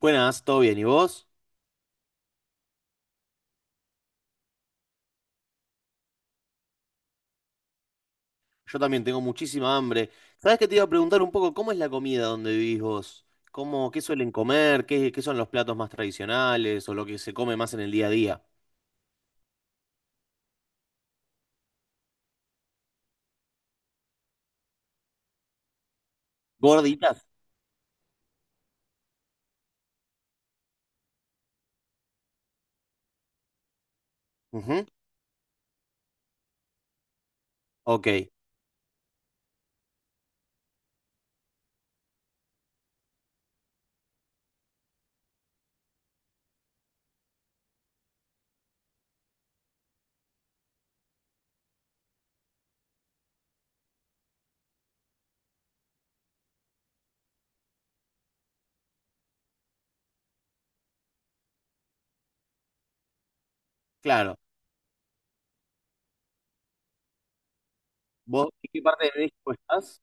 Buenas, ¿todo bien? ¿Y vos? Yo también tengo muchísima hambre. ¿Sabés que te iba a preguntar un poco cómo es la comida donde vivís vos? ¿Cómo, qué suelen comer? ¿Qué, qué son los platos más tradicionales o lo que se come más en el día a día? ¿Gorditas? Ujú. Ok, claro. ¿Vos en qué parte de México estás?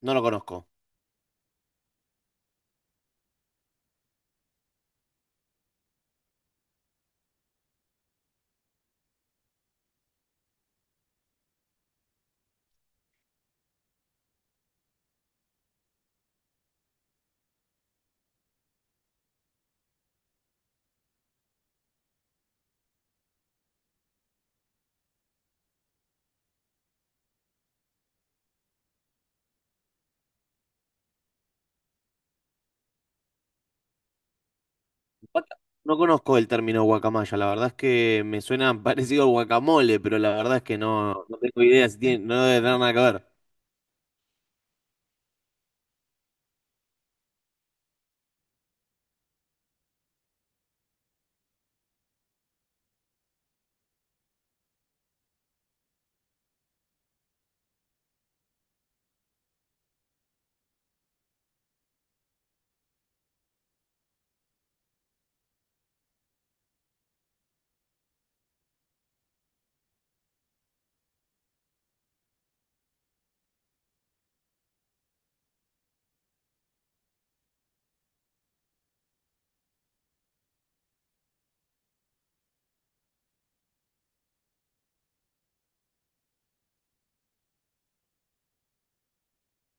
No lo conozco. Guaca- No conozco el término guacamaya. La verdad es que me suena parecido al guacamole, pero la verdad es que no, no tengo idea si tiene, no debe tener nada que ver.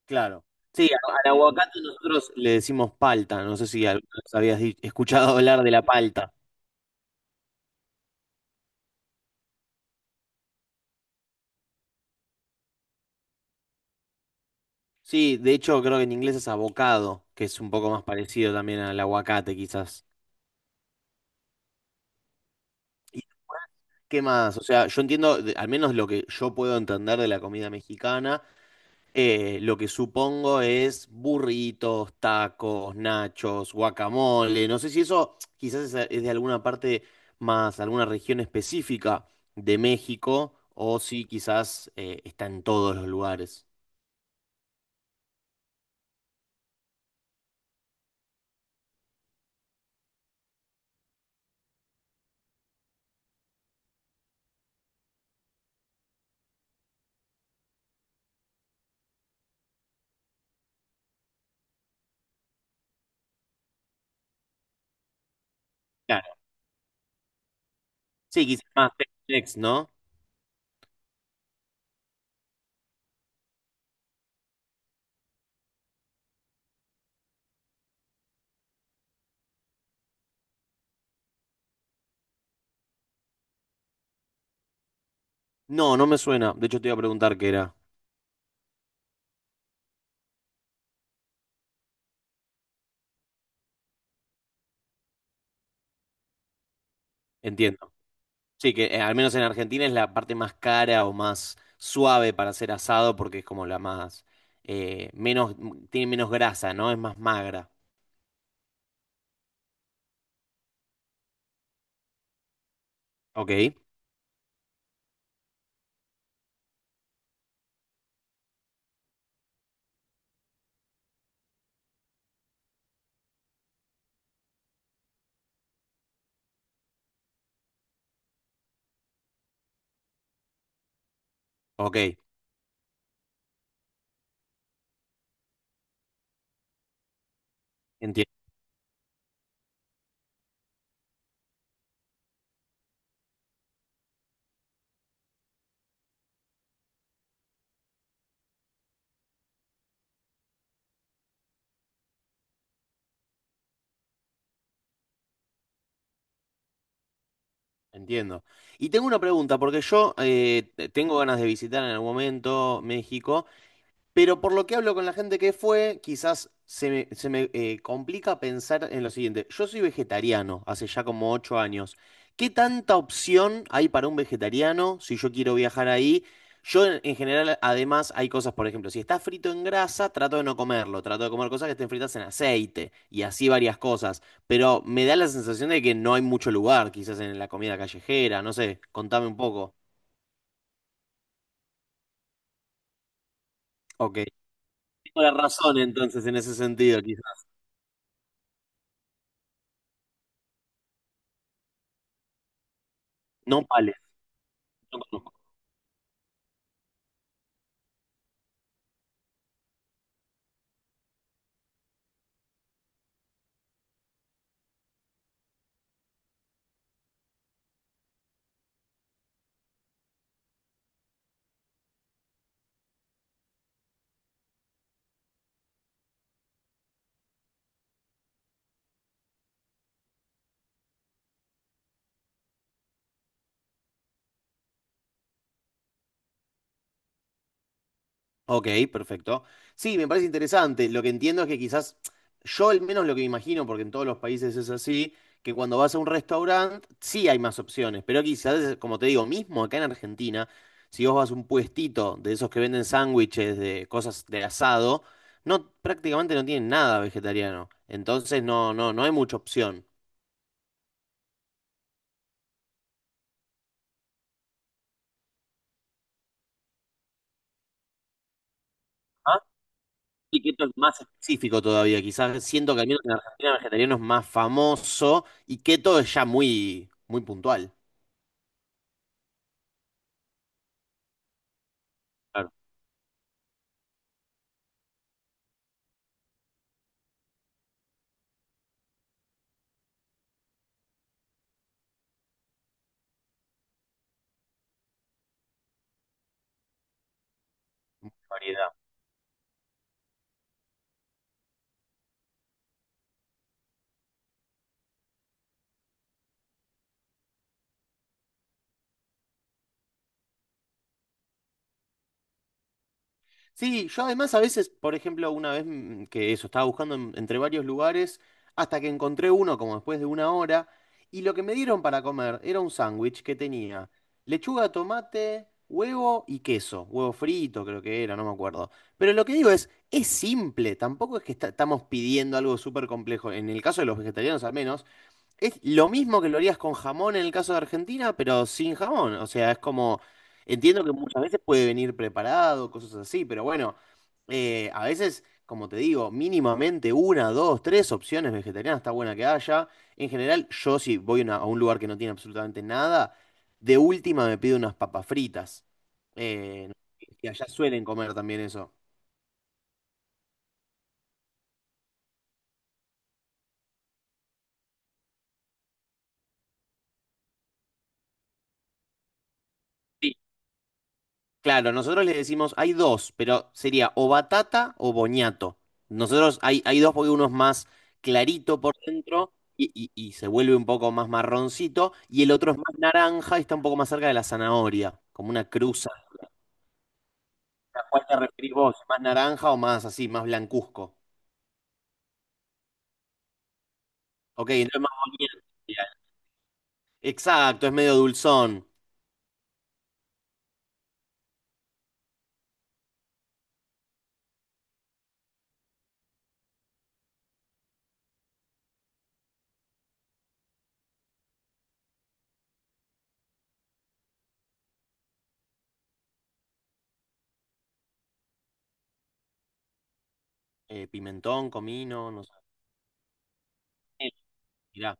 Claro. Sí, al aguacate nosotros le decimos palta. No sé si alguna vez habías escuchado hablar de la palta. Sí, de hecho creo que en inglés es avocado, que es un poco más parecido también al aguacate quizás. ¿Y qué más? O sea, yo entiendo, al menos lo que yo puedo entender de la comida mexicana. Lo que supongo es burritos, tacos, nachos, guacamole. No sé si eso quizás es de alguna parte más, alguna región específica de México, o si quizás está en todos los lugares. Claro. Sí, quizás más Tex-Mex, ¿no? No, no me suena. De hecho, te iba a preguntar qué era. Entiendo. Sí, que al menos en Argentina es la parte más cara o más suave para hacer asado porque es como la más, menos, tiene menos grasa, ¿no? Es más magra. Ok. Ok, enti- entiendo. Y tengo una pregunta, porque yo tengo ganas de visitar en algún momento México. Pero por lo que hablo con la gente que fue, quizás se me complica pensar en lo siguiente. Yo soy vegetariano hace ya como 8 años. ¿Qué tanta opción hay para un vegetariano si yo quiero viajar ahí? Yo en general, además, hay cosas, por ejemplo, si está frito en grasa, trato de no comerlo, trato de comer cosas que estén fritas en aceite y así varias cosas. Pero me da la sensación de que no hay mucho lugar, quizás en la comida callejera, no sé, contame un poco. Ok. Tengo la razón entonces en ese sentido, quizás. No vale. Ok, perfecto. Sí, me parece interesante. Lo que entiendo es que quizás, yo al menos lo que me imagino, porque en todos los países es así, que cuando vas a un restaurante sí hay más opciones, pero quizás, como te digo, mismo acá en Argentina, si vos vas a un puestito de esos que venden sándwiches de cosas de asado, no, prácticamente no tienen nada vegetariano. Entonces no, no, no hay mucha opción. Ah. Y que esto es más específico todavía, quizás siento que al menos en Argentina el vegetariano es más famoso y keto es ya muy, muy puntual. Variedad. Sí, yo además a veces, por ejemplo, una vez que eso, estaba buscando entre varios lugares hasta que encontré uno como después de una hora y lo que me dieron para comer era un sándwich que tenía lechuga, tomate, huevo y queso, huevo frito creo que era, no me acuerdo. Pero lo que digo es simple, tampoco es que estamos pidiendo algo súper complejo, en el caso de los vegetarianos al menos. Es lo mismo que lo harías con jamón en el caso de Argentina, pero sin jamón. O sea, es como, entiendo que muchas veces puede venir preparado, cosas así, pero bueno, a veces, como te digo, mínimamente una, dos, tres opciones vegetarianas está buena que haya. En general, yo si voy a a un lugar que no tiene absolutamente nada, de última me pido unas papas fritas. Eh, que allá suelen comer también eso. Claro, nosotros le decimos, hay dos, pero sería o batata o boñato. Nosotros hay, hay dos porque uno es más clarito por dentro y se vuelve un poco más marroncito, y el otro es más naranja y está un poco más cerca de la zanahoria, como una cruza. ¿A cuál te referís vos? ¿Más naranja o más así, más blancuzco? Ok, entonces más boñato sería. Exacto, es medio dulzón. Pimentón, comino, no sé. Mirá.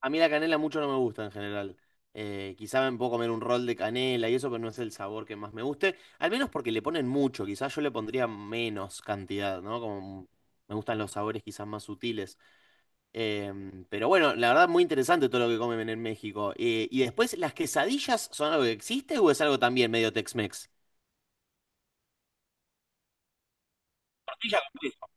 A mí la canela mucho no me gusta en general. Quizá me puedo comer un rol de canela y eso, pero no es el sabor que más me guste. Al menos porque le ponen mucho, quizás yo le pondría menos cantidad, ¿no? Como me gustan los sabores quizás más sutiles. Eh, pero bueno, la verdad muy interesante todo lo que comen en México. Y después, ¿las quesadillas son algo que existe o es algo también medio Tex-Mex? Tortilla con queso.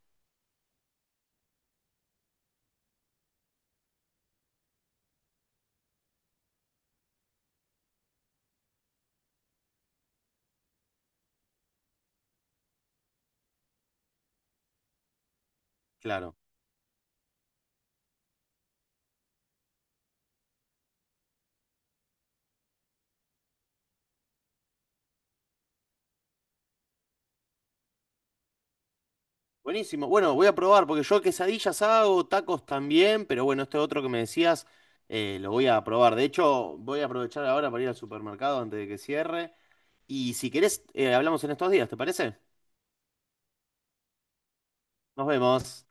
Claro. Buenísimo. Bueno, voy a probar porque yo quesadillas hago, tacos también, pero bueno, este otro que me decías lo voy a probar. De hecho, voy a aprovechar ahora para ir al supermercado antes de que cierre. Y si querés, hablamos en estos días, ¿te parece? Nos vemos.